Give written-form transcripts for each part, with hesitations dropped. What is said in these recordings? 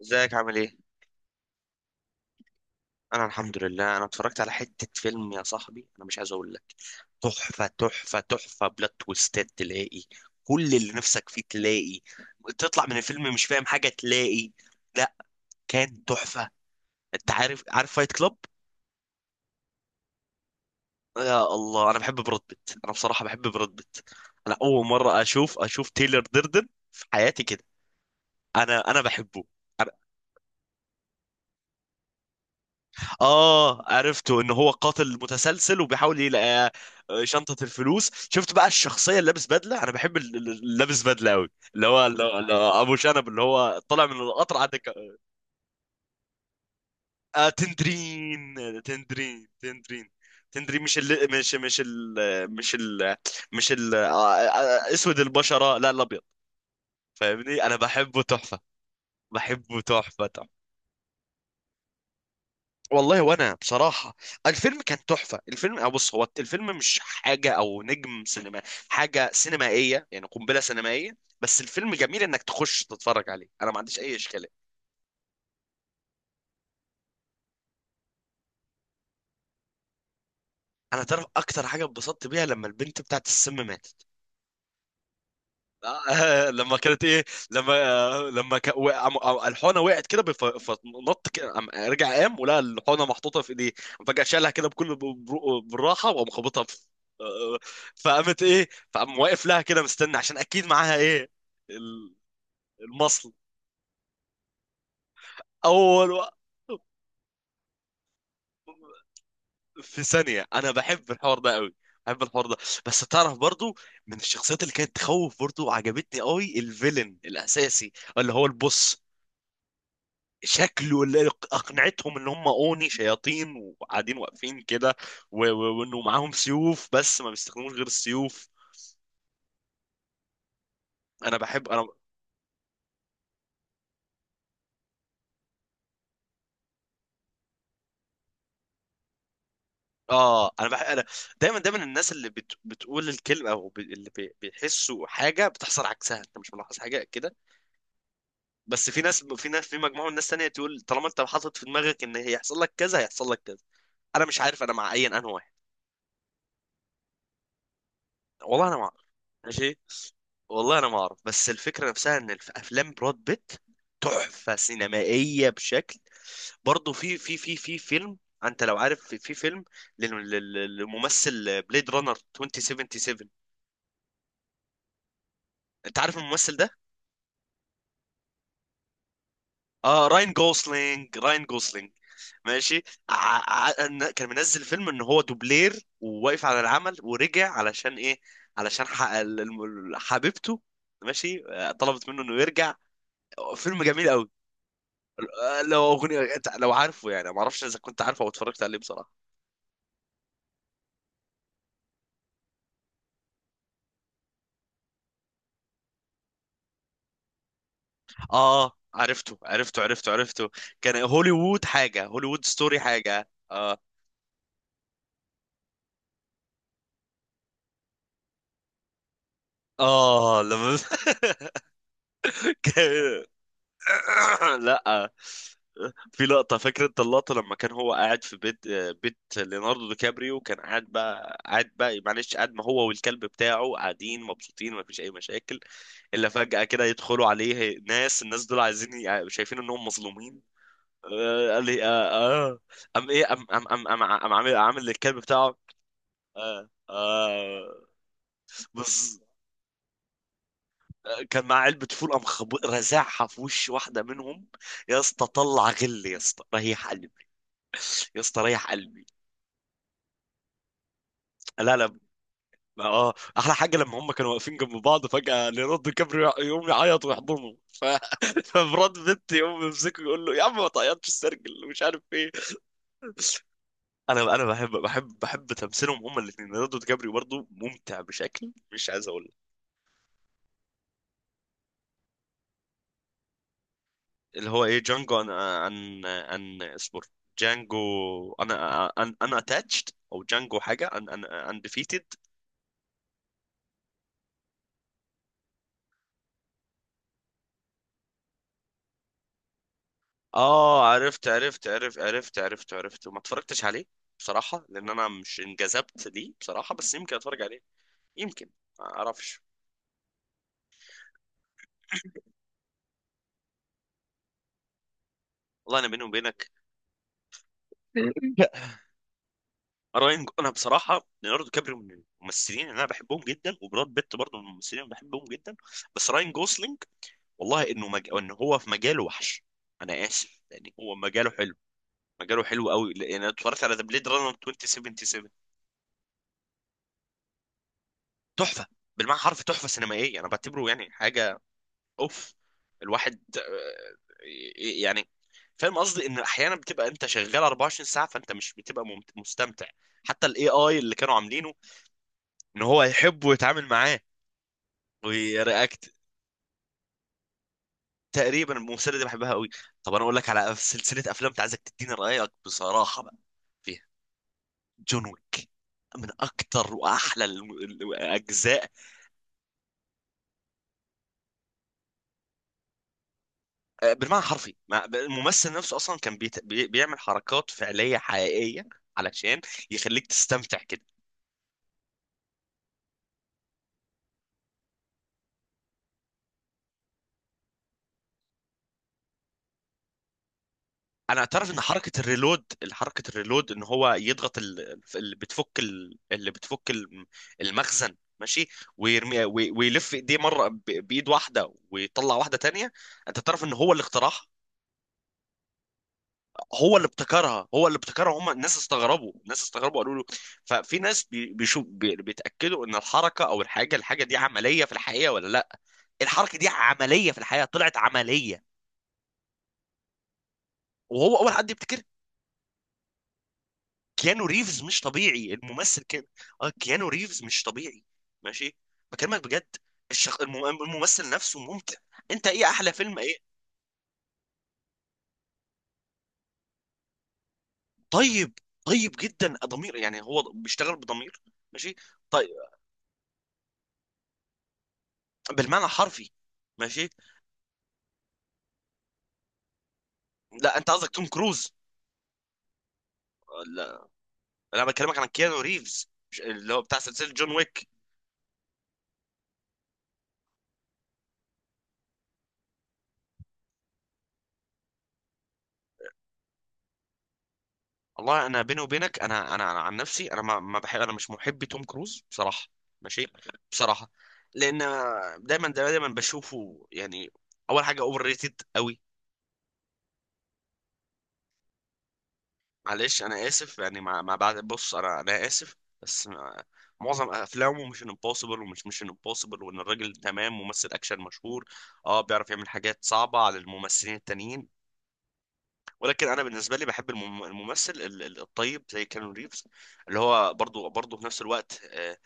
ازيك عامل ايه؟ انا الحمد لله، انا اتفرجت على حتة فيلم يا صاحبي، انا مش عايز اقول لك، تحفة تحفة تحفة، بلوت تويستات تلاقي، كل اللي نفسك فيه تلاقي، تطلع من الفيلم مش فاهم حاجة تلاقي. لا، كان تحفة. انت عارف عارف فايت كلاب؟ يا الله، انا بصراحة بحب براد بيت. انا اول مرة اشوف تايلر ديردن في حياتي كده. انا بحبه. اه، عرفته ان هو قاتل متسلسل وبيحاول يلاقي شنطة الفلوس. شفت بقى الشخصية اللي لابس بدلة، انا بحب اللي لابس بدلة قوي، اللي هو ابو شنب، اللي هو طالع من القطر عندك. آه، تندرين، تندرين، تندرين، تندرين، مش ال... مش مش ال... مش ال... مش ال... آه، آه، آه، اسود البشرة، لا الابيض. فاهمني، انا بحبه تحفة، بحبه تحفة. والله، وانا بصراحه الفيلم كان تحفه. الفيلم، أو بص، هو الفيلم مش حاجه او نجم سينما، حاجه سينمائيه يعني قنبله سينمائيه، بس الفيلم جميل انك تخش تتفرج عليه، انا ما عنديش اي اشكاليه. انا تعرف اكتر حاجه اتبسطت بيها لما البنت بتاعت السم ماتت. لما كانت ايه، لما آه، لما ك... وقع... م- آه، الحونه وقعت كده فنط كده، رجع قام ولقى الحونه محطوطه في ايديه. فجاه شالها كده بالراحه وقام خابطها في آه، فقامت ايه، فقام واقف لها كده مستني، عشان اكيد معاها ايه، ال- المصل. اول و... في ثانيه، انا بحب الحوار ده قوي، بحب الحوار ده. بس تعرف برضو، من الشخصيات اللي كانت تخوف برضو عجبتني قوي، الفيلن الاساسي اللي هو البوس، شكله اللي اقنعتهم ان هم اوني شياطين وقاعدين واقفين كده، وانه معاهم سيوف، بس ما بيستخدموش غير السيوف. انا بحب انا اه انا بحب انا دايما دايما، الناس اللي بتقول الكلمه، او بيحسوا حاجه بتحصل عكسها، انت مش ملاحظ حاجه كده؟ بس في ناس، في في مجموعه من الناس تانية تقول طالما انت حاطط في دماغك ان هيحصل لك كذا هيحصل لك كذا. انا مش عارف انا مع اي انهي واحد. والله انا مع، ماشي، والله انا ما اعرف. بس الفكره نفسها ان افلام براد بيت تحفه سينمائيه بشكل. برضه في فيلم، انت لو عارف، في فيلم للممثل، بليد رانر 2077، انت عارف الممثل ده؟ اه، راين جوسلينج، راين جوسلينج. ماشي. ع- كان منزل فيلم ان هو دوبلير وواقف على العمل، ورجع علشان ايه؟ علشان حبيبته، ماشي، طلبت منه انه يرجع. فيلم جميل قوي. لو اغنيه لو عارفه يعني، ما اعرفش اذا كنت عارفه او اتفرجت عليه بصراحه. اه، عرفته عرفته عرفته عرفته. كان هوليوود حاجه، هوليوود ستوري حاجه، اه اه، لما كان- لا، في لقطة، فاكر انت اللقطة لما كان هو قاعد في بيت، بيت ليوناردو دي كابريو، كان قاعد بقى، قاعد بقى، معلش، قاعد ما هو والكلب بتاعه قاعدين مبسوطين، ما فيش اي مشاكل. الا فجأة كده يدخلوا عليه ناس، الناس دول عايزين شايفين انهم مظلومين. قال لي اه اه، قام ايه، قام عامل للكلب بتاعه. اه اه. بص، كان معاه علبة فول، قام رزعها في وش واحدة منهم. يا اسطى طلع غل، يا اسطى ريح قلبي، يا اسطى ريح قلبي. لا لا، اه، احلى حاجة لما هم كانوا واقفين جنب بعض، فجأة ليوناردو كابريو يقوم يعيط ويحضنه فبراد بيت يقوم يمسكه يقول له يا عم ما تعيطش السرجل ومش عارف ايه. انا بحب تمثيلهم هما الاثنين. ليوناردو دي كابريو برضه ممتع بشكل مش عايز اقول لك. اللي هو ايه، جانجو، عن اصبر، جانجو. انا اتاتشد او جانجو حاجه، ان اندفيتد. اه، عرفت عرفت، وما اتفرجتش عليه بصراحه، لان انا مش انجذبت ليه بصراحه، بس يمكن اتفرج عليه، يمكن، ما اعرفش. والله انا بيني وبينك، راين، انا بصراحه ليوناردو كابريو من الممثلين اللي انا بحبهم جدا، وبراد بيت برضه من الممثلين اللي بحبهم جدا. بس راين جوسلينج، والله انه مج... ان هو في مجاله وحش، انا اسف يعني، هو مجاله حلو، مجاله حلو قوي يعني. انا اتفرجت على ذا بليد رانر 2077، تحفه، بالمعنى حرف تحفه سينمائيه، انا بعتبره يعني حاجه، اوف. الواحد يعني، فاهم قصدي، ان احيانا بتبقى انت شغال 24 ساعه فانت مش بتبقى مستمتع. حتى الاي اي اللي كانوا عاملينه، ان هو يحب ويتعامل معاه ورياكت. تقريبا الممثله دي بحبها قوي. طب انا اقول لك على سلسله افلام، انت عايزك تديني رايك بصراحه بقى فيها، جون ويك، من اكتر واحلى الاجزاء. بالمعنى الحرفي، الممثل نفسه اصلا كان بيعمل حركات فعليه حقيقيه علشان يخليك تستمتع كده. انا اعترف ان حركه الريلود، حركه الريلود، ان هو يضغط اللي بتفك اللي بتفك المخزن، ماشي، ويرمي ويلف ايديه مره بايد واحده ويطلع واحده تانية. انت تعرف ان هو اللي اخترعها؟ هو اللي ابتكرها، هو اللي ابتكرها. هم الناس استغربوا، الناس استغربوا، قالوا له، ففي ناس بيتاكدوا ان الحركه او الحاجه، الحاجه دي عمليه في الحقيقه ولا لا. الحركه دي عمليه في الحقيقه، طلعت عمليه، وهو اول حد يبتكرها. كيانو ريفز مش طبيعي، الممثل كان، اه، كيانو ريفز مش طبيعي. ماشي، بكلمك بجد، الممثل نفسه ممتع. انت ايه احلى فيلم ايه؟ طيب، طيب جدا ضمير، يعني هو بيشتغل بضمير، ماشي، طيب، بالمعنى الحرفي، ماشي. لا انت قصدك توم كروز؟ لا، انا بكلمك عن كيانو ريفز، اللي هو بتاع سلسلة جون ويك. والله انا بيني وبينك، انا عن نفسي، انا ما بحب، انا مش محب توم كروز بصراحه، ماشي. بصراحه، لان دايما دايما بشوفه يعني، اول حاجه اوفر ريتد قوي. معلش انا اسف يعني، ما بعد، بص، انا اسف، بس ما- معظم افلامه مش امبوسيبل، ومش مش امبوسيبل، وان الراجل تمام، ممثل اكشن مشهور، اه بيعرف يعمل حاجات صعبه على الممثلين التانيين. ولكن انا بالنسبه لي بحب الممثل الطيب، زي كانون ريفز، اللي هو برضو برضو في نفس الوقت، آه،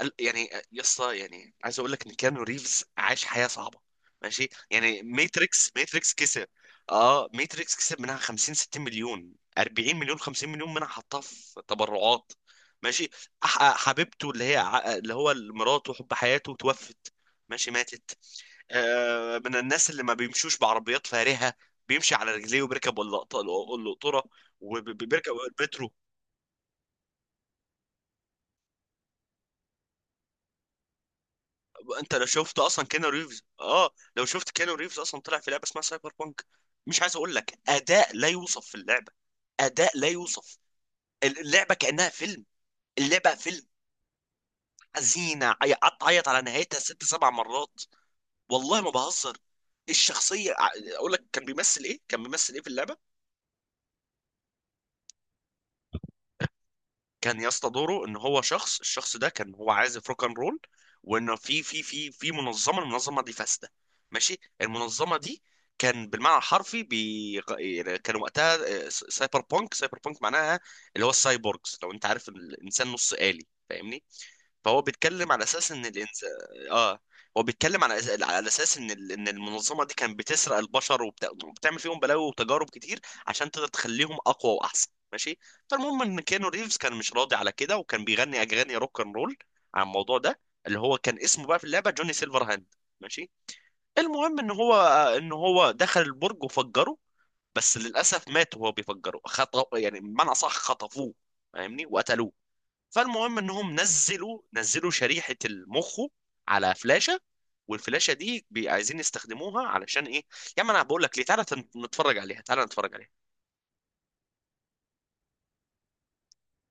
آه، يعني آه، يا اسطى يعني، عايز اقول لك ان كيانو ريفز عاش حياه صعبه، ماشي يعني. ماتريكس، ماتريكس كسب، اه، ماتريكس كسب منها 50 60 مليون، 40 مليون، 50 مليون منها حطها في تبرعات، ماشي. حبيبته اللي هي ع- آه، اللي هو مراته وحب حياته توفت، ماشي، ماتت. من الناس اللي ما بيمشوش بعربيات فارهة، بيمشي على رجليه وبيركب القطورة وبيركب المترو. انت لو شفت اصلا كيانو ريفز، اه لو شفت كيانو ريفز اصلا، طلع في لعبه اسمها سايبر بانك، مش عايز اقول لك، اداء لا يوصف في اللعبه، اداء لا يوصف، اللعبه كانها فيلم، اللعبه فيلم حزينه، قعدت اعيط على نهايتها ست سبع مرات، والله ما بهزر. الشخصيه ع- اقول لك كان بيمثل ايه، كان بيمثل ايه في اللعبه. كان يا اسطى دوره ان هو شخص، الشخص ده كان هو عازف روك اند رول، وان في منظمه، المنظمه دي فاسده، ماشي، المنظمه دي كان بالمعنى الحرفي كان وقتها سايبر بونك، سايبر بونك معناها اللي هو السايبورغز، لو انت عارف إن الانسان نص آلي، فاهمني، فهو بيتكلم على اساس ان الانسان، اه، هو بيتكلم على على اساس ان ان المنظمه دي كانت بتسرق البشر وبتعمل فيهم بلاوي وتجارب كتير، عشان تقدر تخليهم اقوى واحسن، ماشي. فالمهم ان كانو ريفز كان مش راضي على كده، وكان بيغني اغاني روك اند رول عن الموضوع ده، اللي هو كان اسمه بقى في اللعبه جوني سيلفر هاند، ماشي. المهم ان هو، ان هو دخل البرج وفجره، بس للاسف مات وهو بيفجره، يعني بمعنى صح خطفوه، فاهمني، وقتلوه. فالمهم انهم نزلوا، نزلوا شريحه المخ على فلاشه، والفلاشه دي عايزين يستخدموها علشان ايه، يا عم انا بقول لك ليه، تعالى نتفرج عليها، تعالى نتفرج عليها.